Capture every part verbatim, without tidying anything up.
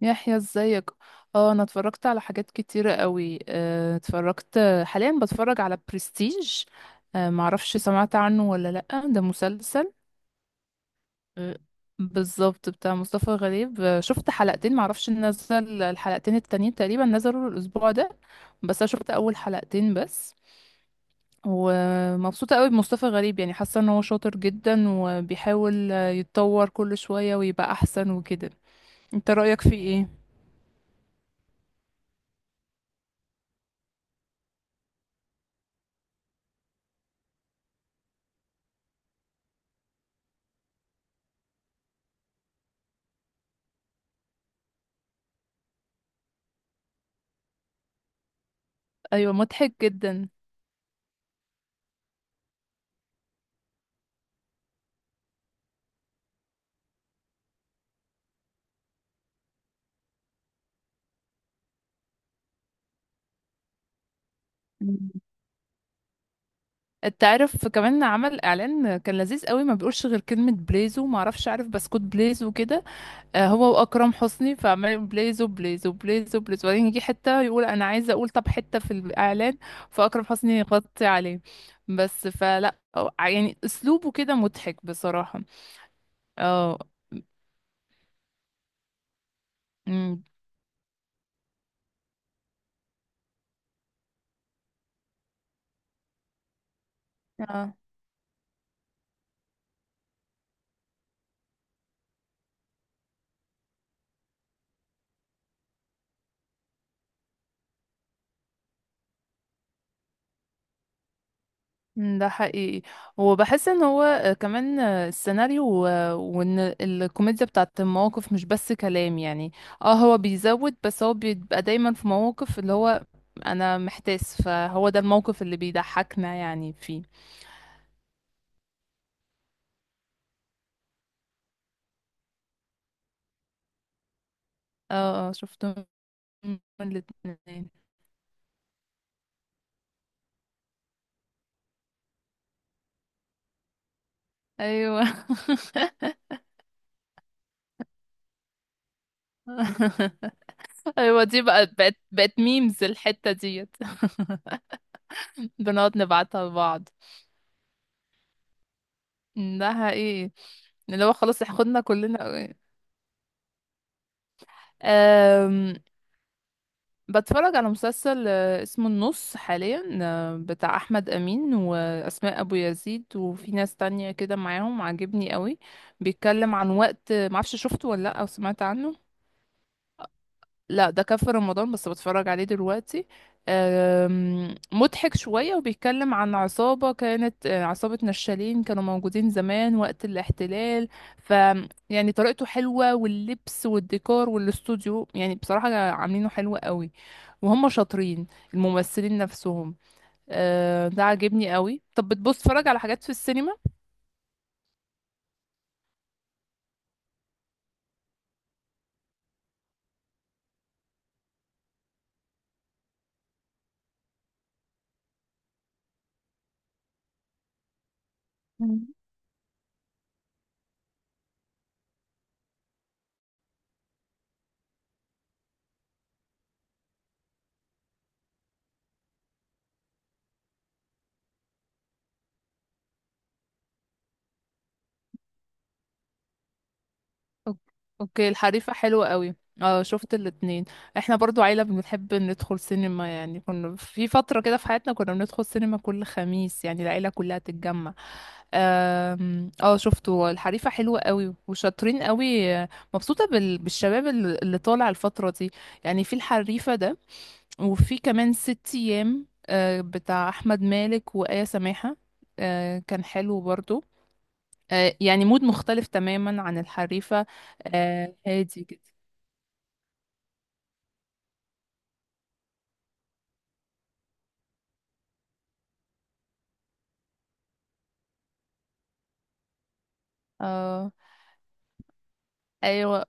يحيى ازيك. اه انا اتفرجت على حاجات كتيرة قوي، آه، اتفرجت حاليا بتفرج على برستيج. آه، معرفش سمعت عنه ولا لأ، ده مسلسل. مم. بالظبط بتاع مصطفى غريب، آه، شفت حلقتين، معرفش نزل الحلقتين التانيين، تقريبا نزلوا الأسبوع ده. بس انا شفت أول حلقتين بس. ومبسوطة قوي بمصطفى غريب، يعني حاسة ان هو شاطر جدا وبيحاول آه، يتطور كل شوية ويبقى أحسن وكده. انت رأيك فيه ايه؟ ايوه، مضحك جدا. تعرف كمان عمل اعلان كان لذيذ قوي، ما بيقولش غير كلمه بليزو، ما اعرفش عارف بسكوت بليزو كده. آه، هو واكرم حسني، فعمال يقول بليزو بليزو بليزو بليزو، وبعدين يجي حته يقول انا عايزه اقول، طب حته في الاعلان، فاكرم حسني يغطي عليه. بس فلا أو- يعني اسلوبه كده مضحك بصراحه. اه. أمم. آه. مم، ده حقيقي. وبحس ان هو آه، كمان، آه، السيناريو، آه، وان الكوميديا بتاعت المواقف مش بس كلام يعني. اه هو بيزود، بس هو بيبقى دايما في مواقف اللي هو انا محتاس، فهو ده الموقف اللي بيضحكنا يعني فيه. اه اه، شفتهم الاتنين. ايوه. ايوه، دي بقى بقت بقت ميمز الحتة ديت. بنقعد نبعتها لبعض. مم، ده حقيقي. اللي هو خلاص احنا خدنا كلنا. أم، بتفرج على مسلسل آه، اسمه النص حاليا، آه، بتاع احمد امين واسماء ابو يزيد، وفي ناس تانية كده معاهم، عاجبني قوي. بيتكلم عن وقت، معرفش شفته ولا لا او سمعت عنه. لا ده كان في رمضان، بس بتفرج عليه دلوقتي. آم، مضحك شوية، وبيتكلم عن عصابة كانت آه، عصابة نشالين كانوا موجودين زمان وقت الاحتلال. ف يعني طريقته حلوة، واللبس والديكور والاستوديو يعني بصراحة عاملينه حلو قوي. وهم شاطرين الممثلين نفسهم. آه، ده عاجبني قوي. طب بتبص تتفرج على حاجات في السينما؟ أوك- اوكي، الحريفة حلوة قوي. اه شفت الاتنين. احنا برضو عيلة بنحب ندخل سينما، يعني كنا في فترة كده في حياتنا كنا بندخل سينما كل خميس، يعني العيلة كلها تتجمع. آم، اه شفته، الحريفة حلوة قوي وشاطرين قوي، آه، مبسوطة بال- بالشباب اللي اللي طالع الفترة دي. يعني في الحريفة ده، وفي كمان ست ايام آه، بتاع احمد مالك وآية سماحة. آه، كان حلو برضو. آه، يعني مود مختلف تماما عن الحريفة. آه، هادي كده. اه. ايوه.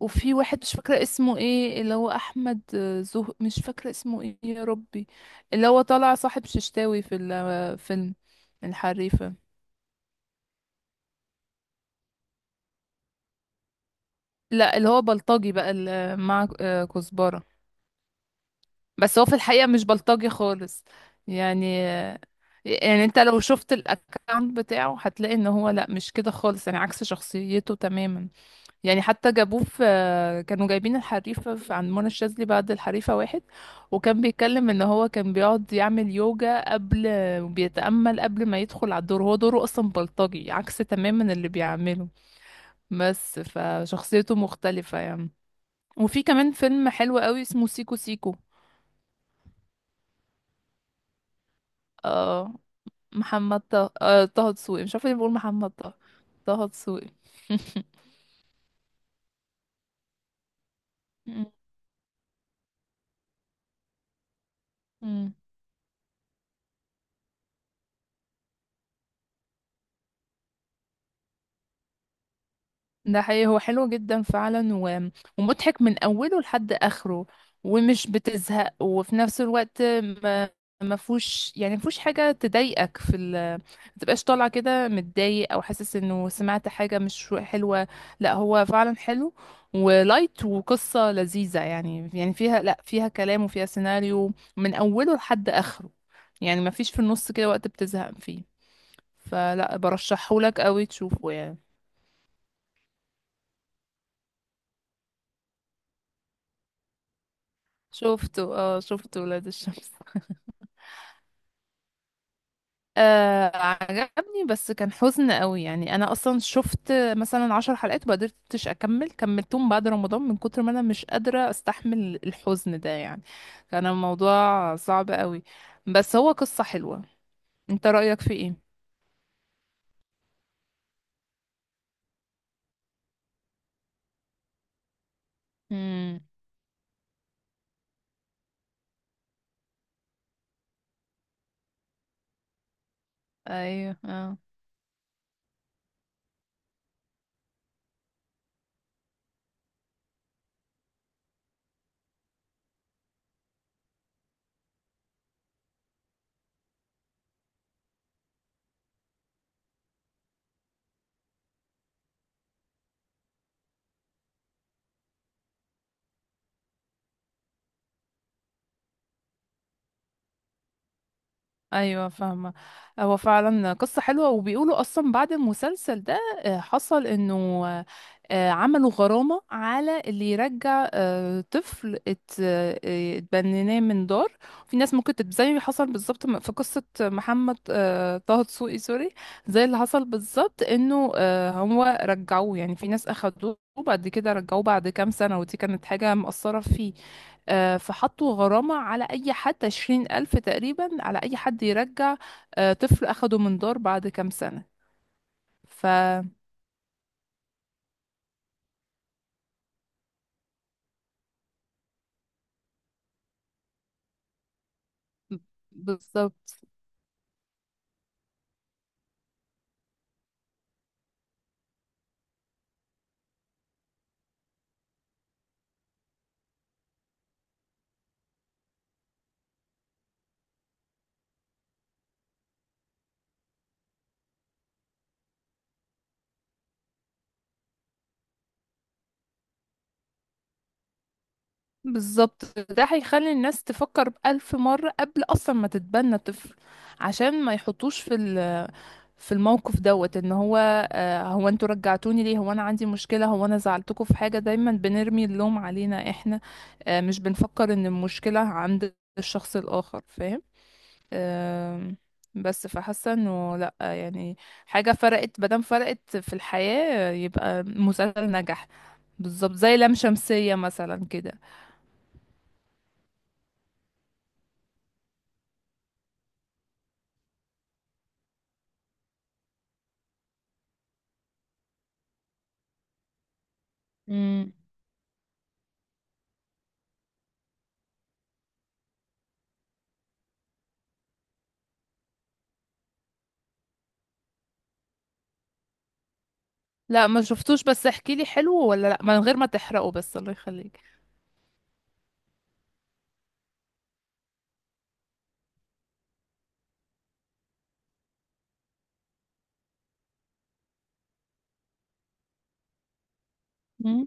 وفي واحد مش فاكرة اسمه ايه، اللي هو احمد، آه، زه مش فاكرة اسمه ايه يا ربي. اللي هو طالع صاحب ششتاوي في الفيلم، الحريفة. لا اللي هو بلطجي بقى، اللي مع آه، كزبرة. بس هو في الحقيقة مش بلطجي خالص يعني. آه، يعني انت لو شفت الاكونت بتاعه هتلاقي ان هو لا مش كده خالص يعني، عكس شخصيته تماما. يعني حتى جابوه في، كانوا جايبين الحريفة في- عند منى الشاذلي بعد الحريفة واحد. وكان بيتكلم ان هو كان بيقعد يعمل يوجا قبل، وبيتأمل قبل ما يدخل على الدور، هو دوره اصلا بلطجي عكس تماما اللي بيعمله. بس فشخصيته مختلفة يعني. وفي كمان فيلم حلو قوي اسمه سيكو سيكو. آه، محمد طه، آه طه دسوقي، مش عارفة ليه بقول محمد طه. طه دسوقي. ده حقيقي، هو حلو جدا فعلا. و... ومضحك من أوله لحد آخره. ومش بتزهق، وفي نفس الوقت ما ما فيهوش يعني ما فيهوش حاجة تضايقك في ال، ما تبقاش طالعة كده متضايق أو حاسس إنه سمعت حاجة مش حلوة. لا هو فعلا حلو. ولايت وقصة لذيذة، يعني يعني فيها لا فيها كلام وفيها سيناريو من أوله لحد آخره. يعني ما فيش في النص كده وقت بتزهق فيه. فلا برشحهولك قوي تشوفه يعني. شفته، اه شفته ولاد الشمس. آه عجبني، بس كان حزن قوي. يعني انا اصلا شفت مثلا عشر حلقات وما قدرتش اكمل، كملتهم بعد رمضان من كتر ما انا مش قادرة استحمل الحزن ده يعني. كان الموضوع صعب قوي. بس هو قصة حلوة. انت رأيك في ايه؟ امم. ايوه. اه. ايوه فاهمه. هو فعلا قصه حلوه، وبيقولوا اصلا بعد المسلسل ده آه، حصل انه آه، عملوا غرامه على اللي يرجع آه، طفل ات- آه، اتبنيناه من دار. في ناس ممكن تت- زي ما حصل بالظبط في قصه محمد، آه، طه دسوقي، سوري. زي اللي حصل بالظبط انه آه، هو رجعوه، يعني في ناس اخدوه وبعد كده رجعوه بعد كام سنه، ودي كانت حاجه مأثره فيه. آه، فحطوا غرامة على أي حد، عشرين ألف تقريبا على أي حد يرجع آه، طفل أخده من دار بعد كام سنة. ف بالظبط. بالظبط، ده هيخلي الناس تفكر بألف مرة قبل أصلا ما تتبنى طفل. عشان ما يحطوش في ال، في الموقف دوت، ان هو آه، هو انتوا رجعتوني ليه، هو انا عندي مشكلة، هو انا زعلتكم في حاجة، دايما بنرمي اللوم علينا احنا. آه، مش بنفكر ان المشكلة عند الشخص الآخر، فاهم؟ أم، بس فحاسه انه لا يعني، حاجه فرقت، مادام فرقت في الحياه يبقى مسلسل نجح. بالظبط زي لام شمسيه مثلا كده. امم. لا ما شفتوش، بس احكي لي حلو ولا لا من غير ما تحرقه بس، الله يخليك. امم.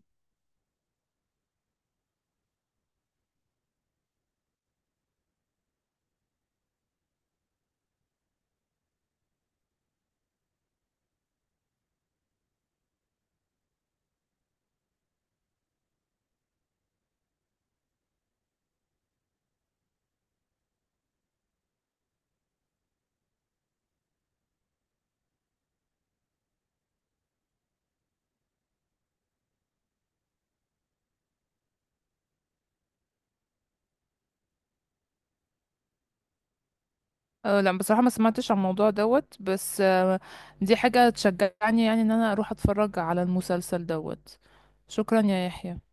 أه لا بصراحه ما سمعتش عن الموضوع دوت، بس آه، دي حاجه تشجعني يعني ان انا اروح اتفرج على المسلسل دوت. شكرا يا يحيى.